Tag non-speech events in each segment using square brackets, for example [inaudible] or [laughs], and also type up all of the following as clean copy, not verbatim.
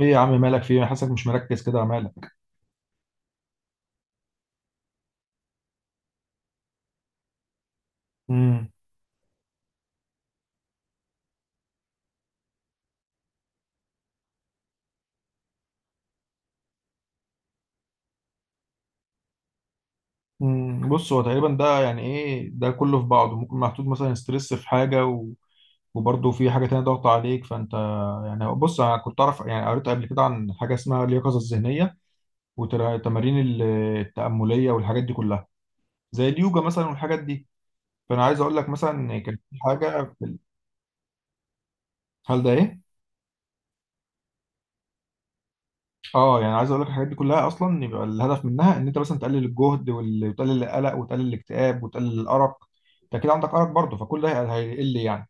ايه يا عم مالك فيه؟ انا حاسسك مش مركز كده، مالك؟ امم بص، هو تقريبا ده يعني ايه؟ ده كله في بعضه، ممكن محطوط مثلا ستريس في حاجه وبرضه في حاجه تانية ضغط عليك. فانت يعني بص، انا كنت اعرف، يعني قريت قبل كده عن حاجه اسمها اليقظه الذهنيه والتمارين التامليه والحاجات دي كلها، زي اليوجا مثلا والحاجات دي. فانا عايز اقول لك مثلا كان في حاجه في هل ده ايه؟ اه، يعني عايز اقول لك الحاجات دي كلها اصلا يبقى الهدف منها ان انت مثلا تقلل الجهد، وتقلل القلق وتقلل الاكتئاب وتقلل الارق. انت كده عندك ارق برضه، فكل ده هيقل يعني.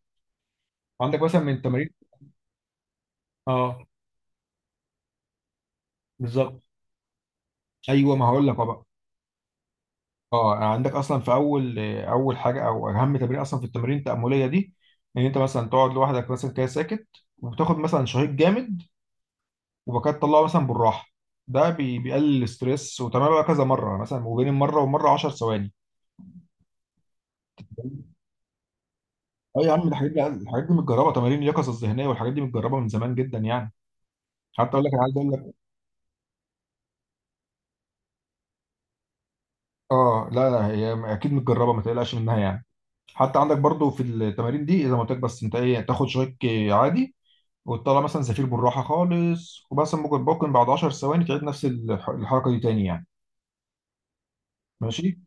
عندك مثلا من التمارين، اه، بالظبط. ايوه، ما هقول لك أهو بقى. اه، يعني عندك اصلا في اول حاجه او اهم تمرين اصلا في التمارين التامليه دي، ان انت مثلا تقعد لوحدك مثلا كده ساكت، وتاخد مثلا شهيق جامد، وبعد كده تطلعه مثلا بالراحه. ده بيقلل الاستريس، وتمام بقى كذا مره يعني، مثلا وبين مره ومره 10 ثواني. اه يا عم، الحاجات دي الحاجات دي متجربه، تمارين اليقظه الذهنيه والحاجات دي متجربه من زمان جدا يعني. حتى اقول لك، انا عايز اقول لك، اه لا لا، هي اكيد متجربه، ما تقلقش منها يعني. حتى عندك برضو في التمارين دي، اذا ما قلت لك، بس انت ايه، تاخد شويك عادي وتطلع مثلا زفير بالراحه خالص وبس، ممكن بعد 10 ثواني تعيد نفس الحركه دي تاني يعني. ماشي.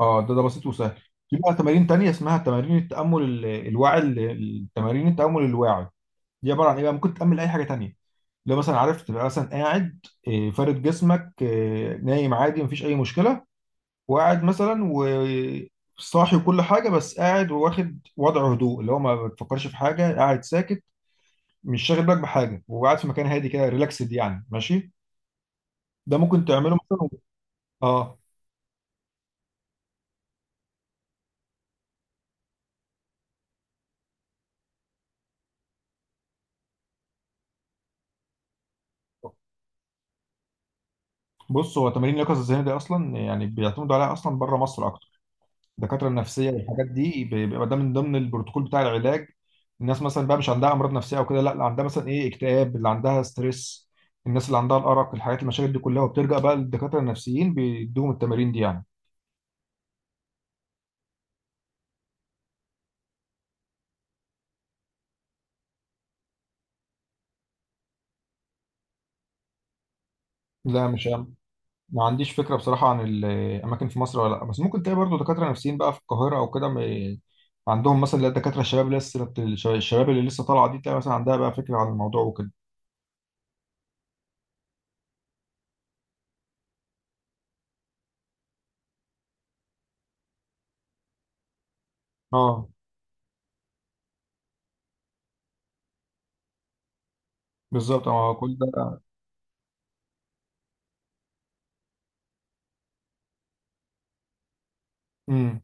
اه، ده بسيط وسهل. في بقى تمارين تانية اسمها تمارين التامل الواعي التمارين التامل الواعي. دي عباره عن ايه بقى؟ ممكن تعمل اي حاجه تانية، لو مثلا عارف تبقى مثلا قاعد، آه، فارد جسمك، آه، نايم عادي مفيش اي مشكله، وقاعد مثلا، وصاحي وكل حاجه، بس قاعد وواخد وضع هدوء، اللي هو ما بتفكرش في حاجه، قاعد ساكت، مش شاغل بالك بحاجه، وقاعد في مكان هادي كده، ريلاكسد يعني، ماشي. ده ممكن تعمله مثلا. اه. بص، هو تمارين اليقظه الذهنيه دي اصلا يعني بيعتمدوا عليها اصلا بره مصر. الدكاتره النفسيه والحاجات دي بيبقى ده من ضمن البروتوكول بتاع العلاج. الناس مثلا بقى، مش عندها امراض نفسيه او كده لا، اللي عندها مثلا ايه، اكتئاب، اللي عندها ستريس، الناس اللي عندها الارق، الحاجات المشاكل دي كلها، وبترجع بقى للدكاتره النفسيين، بيدوهم التمارين دي يعني. لا مش، ما عنديش فكره بصراحه عن الاماكن في مصر ولا لا، بس ممكن تلاقي برضه دكاتره نفسيين بقى في القاهره او كده، عندهم مثلا اللي هي الدكاتره الشباب، اللي لسه الشباب اللي لسه طالعه دي، تلاقي مثلا عندها بقى فكره عن الموضوع وكده. اه بالظبط، اه كل ده. امم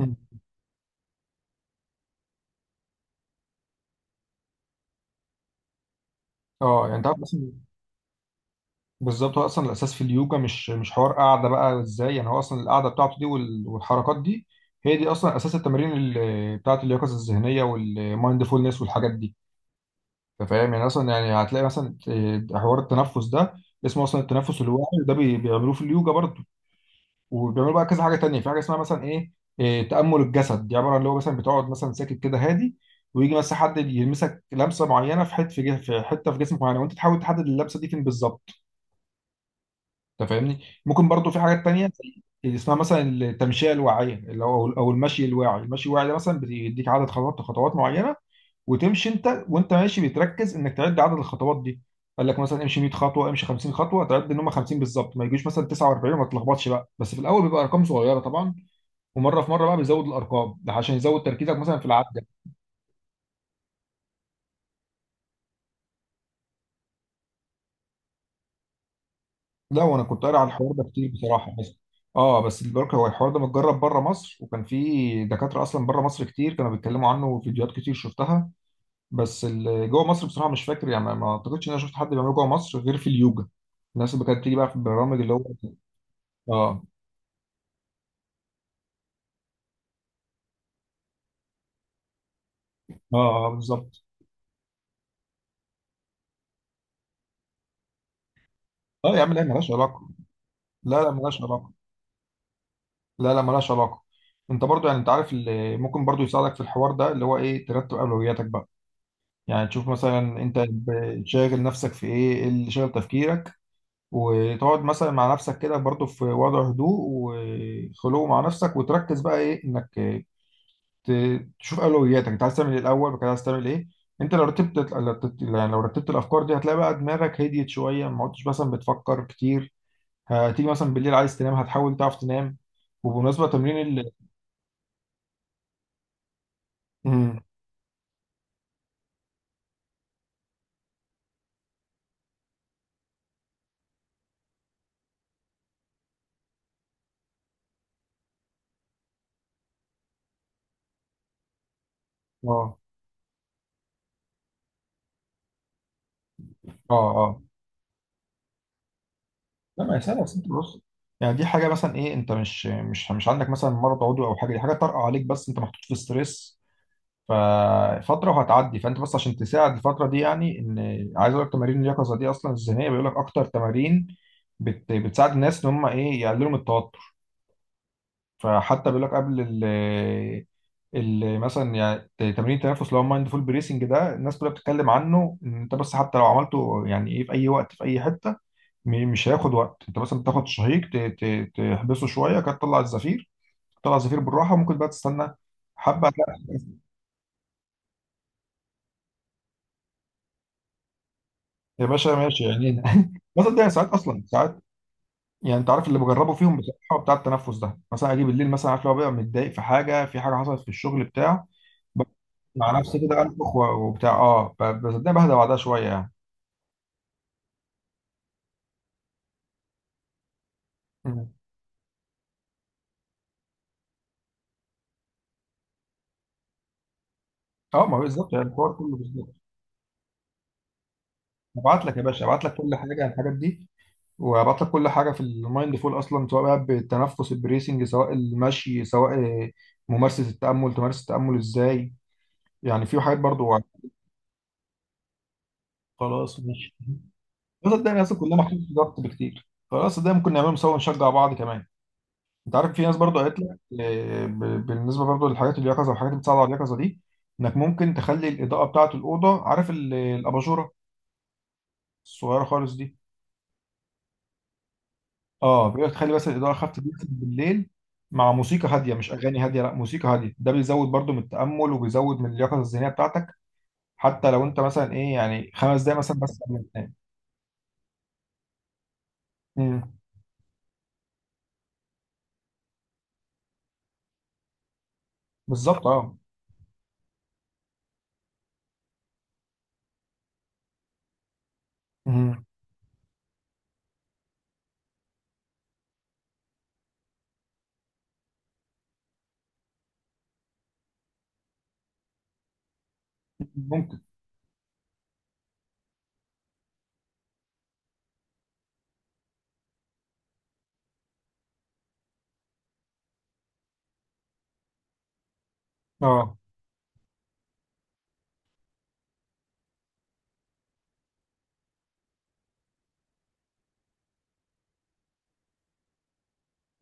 أمم. اه يعني انت عارف، بس بالظبط، هو اصلا الاساس في اليوجا مش حوار قاعده بقى ازاي يعني، هو اصلا القاعده بتاعته دي والحركات دي هي دي اصلا اساس التمارين بتاعه اليقظه الذهنيه والمايندفولنس والحاجات دي. انت فاهم يعني، اصلا يعني هتلاقي مثلا، آه، حوار التنفس ده اسمه اصلا التنفس الواعي، ده بيعملوه في اليوجا برضه. وبيعملوا بقى كذا حاجه تانية، في حاجه اسمها مثلا ايه، آه، تامل الجسد. دي عباره عن اللي هو مثلا بتقعد مثلا ساكت كده هادي، ويجي مثلا حد يلمسك لمسه معينه في حته في في حته في جسمك معينه، وانت تحاول تحدد اللمسه دي فين بالظبط. انت فاهمني. ممكن برضو في حاجات تانية زي اللي اسمها مثلا التمشية الواعية، اللي هو او المشي الواعي. المشي الواعي ده مثلا بيديك عدد خطوات معينة، وتمشي، انت وانت ماشي بتركز انك تعد عدد الخطوات دي. قال لك مثلا امشي 100 خطوة، امشي 50 خطوة، تعد ان هم 50 بالظبط، ما يجيش مثلا 49 وما تلخبطش بقى. بس في الاول بيبقى ارقام صغيرة طبعا، ومرة في مرة بقى بيزود الارقام ده عشان يزود تركيزك مثلا في العد. لا، وانا كنت قاري على الحوار ده كتير بصراحه، بس اه، بس البركه، هو الحوار ده متجرب بره مصر، وكان في دكاتره اصلا بره مصر كتير كانوا بيتكلموا عنه، وفيديوهات كتير شفتها. بس اللي جوه مصر بصراحه مش فاكر، يعني ما اعتقدش ان انا شفت حد بيعمله جوه مصر غير في اليوجا، الناس اللي كانت بتيجي بقى في البرامج اللي هو، اه اه، اه بالظبط. اه يا عم، لا مالهاش علاقه. لا لا مالهاش علاقه لا لا، مالهاش علاقه. انت برضو يعني، انت عارف اللي ممكن برضو يساعدك في الحوار ده اللي هو ايه، ترتب اولوياتك بقى. يعني تشوف مثلا انت شاغل نفسك في ايه، إيه اللي شاغل تفكيرك، وتقعد مثلا مع نفسك كده برضو في وضع هدوء، وخلوه مع نفسك، وتركز بقى ايه، انك تشوف اولوياتك، انت عايز تعمل ايه الاول وكده، عايز تعمل ايه. انت لو رتبت، يعني لو رتبت الافكار دي، هتلاقي بقى دماغك هديت شويه، ما عدتش مثلا بتفكر كتير. هتيجي مثلا بالليل عايز تنام، هتحاول تعرف تنام. وبمناسبه تمرين ال، مم. اه اه، اه لا، ما هي سهله، بس انت بص. يعني دي حاجه مثلا ايه، انت مش عندك مثلا مرض عضوي او حاجه، دي حاجه طارئه عليك، بس انت محطوط في ستريس ففترة وهتعدي. فانت بس عشان تساعد الفترة دي، يعني ان عايز اقول لك، تمارين اليقظة دي اصلا الذهنية بيقول لك اكتر تمارين بتساعد الناس ان هم ايه، يقللوا من التوتر. فحتى بيقول لك قبل ال ال مثلا يعني تمرين التنفس اللي هو مايندفول بريسنج ده، الناس كلها بتتكلم عنه، ان انت بس حتى لو عملته، يعني ايه، في اي وقت في اي حته، مش هياخد وقت. انت مثلا بتاخد شهيق تحبسه شويه كده، تطلع الزفير، تطلع الزفير بالراحه، وممكن بقى تستنى حبه. يا باشا ماشي يعني، [laughs] مثلا ده ساعات اصلا ساعات. يعني انت عارف اللي بجربه فيهم بصراحه بتاع التنفس ده، مثلا اجي بالليل مثلا، عارف، لو بقى متضايق في حاجه، في حاجه حصلت في الشغل بتاع، ب- مع نفسي كده انفخ وبتاع، اه، بصدقني بهدى بعدها شويه يعني. مم. اه، ما هو بالظبط يعني الحوار كله بالظبط. هبعت لك يا باشا، هبعت لك كل حاجه عن الحاجات دي، وهبعت لك كل حاجه في المايند فول اصلا، سواء بقى بالتنفس البريسنج، سواء المشي، سواء ممارسه التامل، تمارس التامل ازاي، يعني في حاجات برضو. خلاص ماشي. الوسط التاني اصلا كلنا محطوط في ضغط بكتير، خلاص ده ممكن نعمله سوا ونشجع بعض كمان. انت عارف في ناس برضه قالت لك، آه، بالنسبه برضه للحاجات اليقظه والحاجات اللي بتساعد على اليقظه دي، انك ممكن تخلي الاضاءه بتاعه الاوضه، عارف الاباجوره الصغيره خالص دي، اه، بيقول لك تخلي بس الاضاءه خفت جدا بالليل، مع موسيقى هاديه، مش اغاني هاديه لا، موسيقى هاديه. ده بيزود برضه من التامل وبيزود من اليقظه الذهنيه بتاعتك. حتى لو انت مثلا ايه يعني 5 دقايق مثلا بس قبل ما تنام. أمم، بالظبط اه. أمم، ممكن. اه،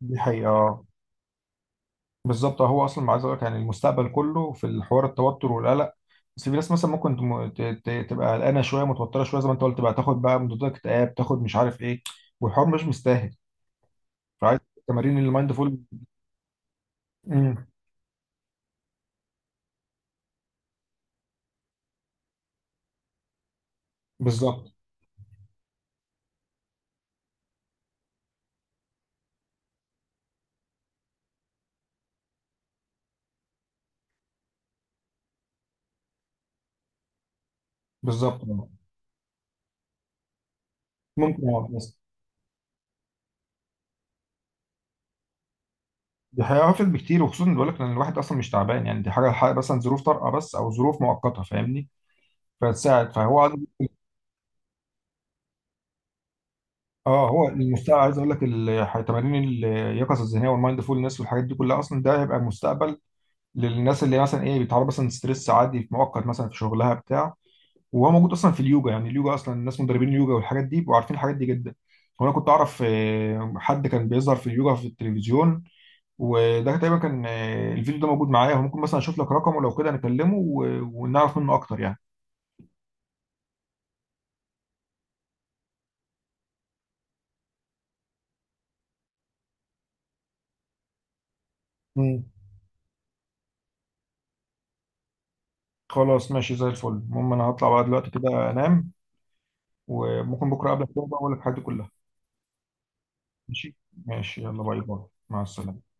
دي حقيقه آه. بالظبط، هو اصلا عايز اقول لك يعني المستقبل كله في الحوار، التوتر والقلق. بس في ناس مثلا ممكن تبقى قلقانه شويه متوتره شويه زي ما انت قلت بقى، تاخد بقى مضادات اكتئاب، تاخد مش عارف ايه، والحوار مش مستاهل. فعايز تمارين المايند فول، امم، بالظبط، آه. ممكن، اه بس دي هيعرفل بكتير، وخصوصا بقول لك ان الواحد اصلا مش تعبان، يعني دي حاجه، حاجة مثلا ظروف طارئه بس او ظروف مؤقته، فاهمني، فتساعد. فهو عايز- اه، هو المستقبل عايز اقول لك تمارين اليقظه الذهنيه والمايند فولنس والحاجات دي كلها اصلا، ده هيبقى مستقبل للناس اللي مثلا ايه، بيتعرض مثلا ستريس عادي في مؤقت مثلا في شغلها بتاع. وهو موجود اصلا في اليوجا يعني. اليوجا اصلا الناس مدربين اليوجا والحاجات دي بيبقوا عارفين الحاجات دي جدا. وانا كنت اعرف، آه، حد كان بيظهر في اليوجا في التلفزيون، وده تقريبا كان، آه، الفيديو ده موجود معايا، وممكن مثلا اشوف لك رقمه لو كده نكلمه ونعرف منه اكتر يعني. مم. خلاص ماشي زي الفل. المهم انا هطلع بقى دلوقتي كده انام، وممكن بكره اقابلك تاني بقى واقول لك الحاجات دي كلها. ماشي. ماشي يلا، باي باي. مع السلامه.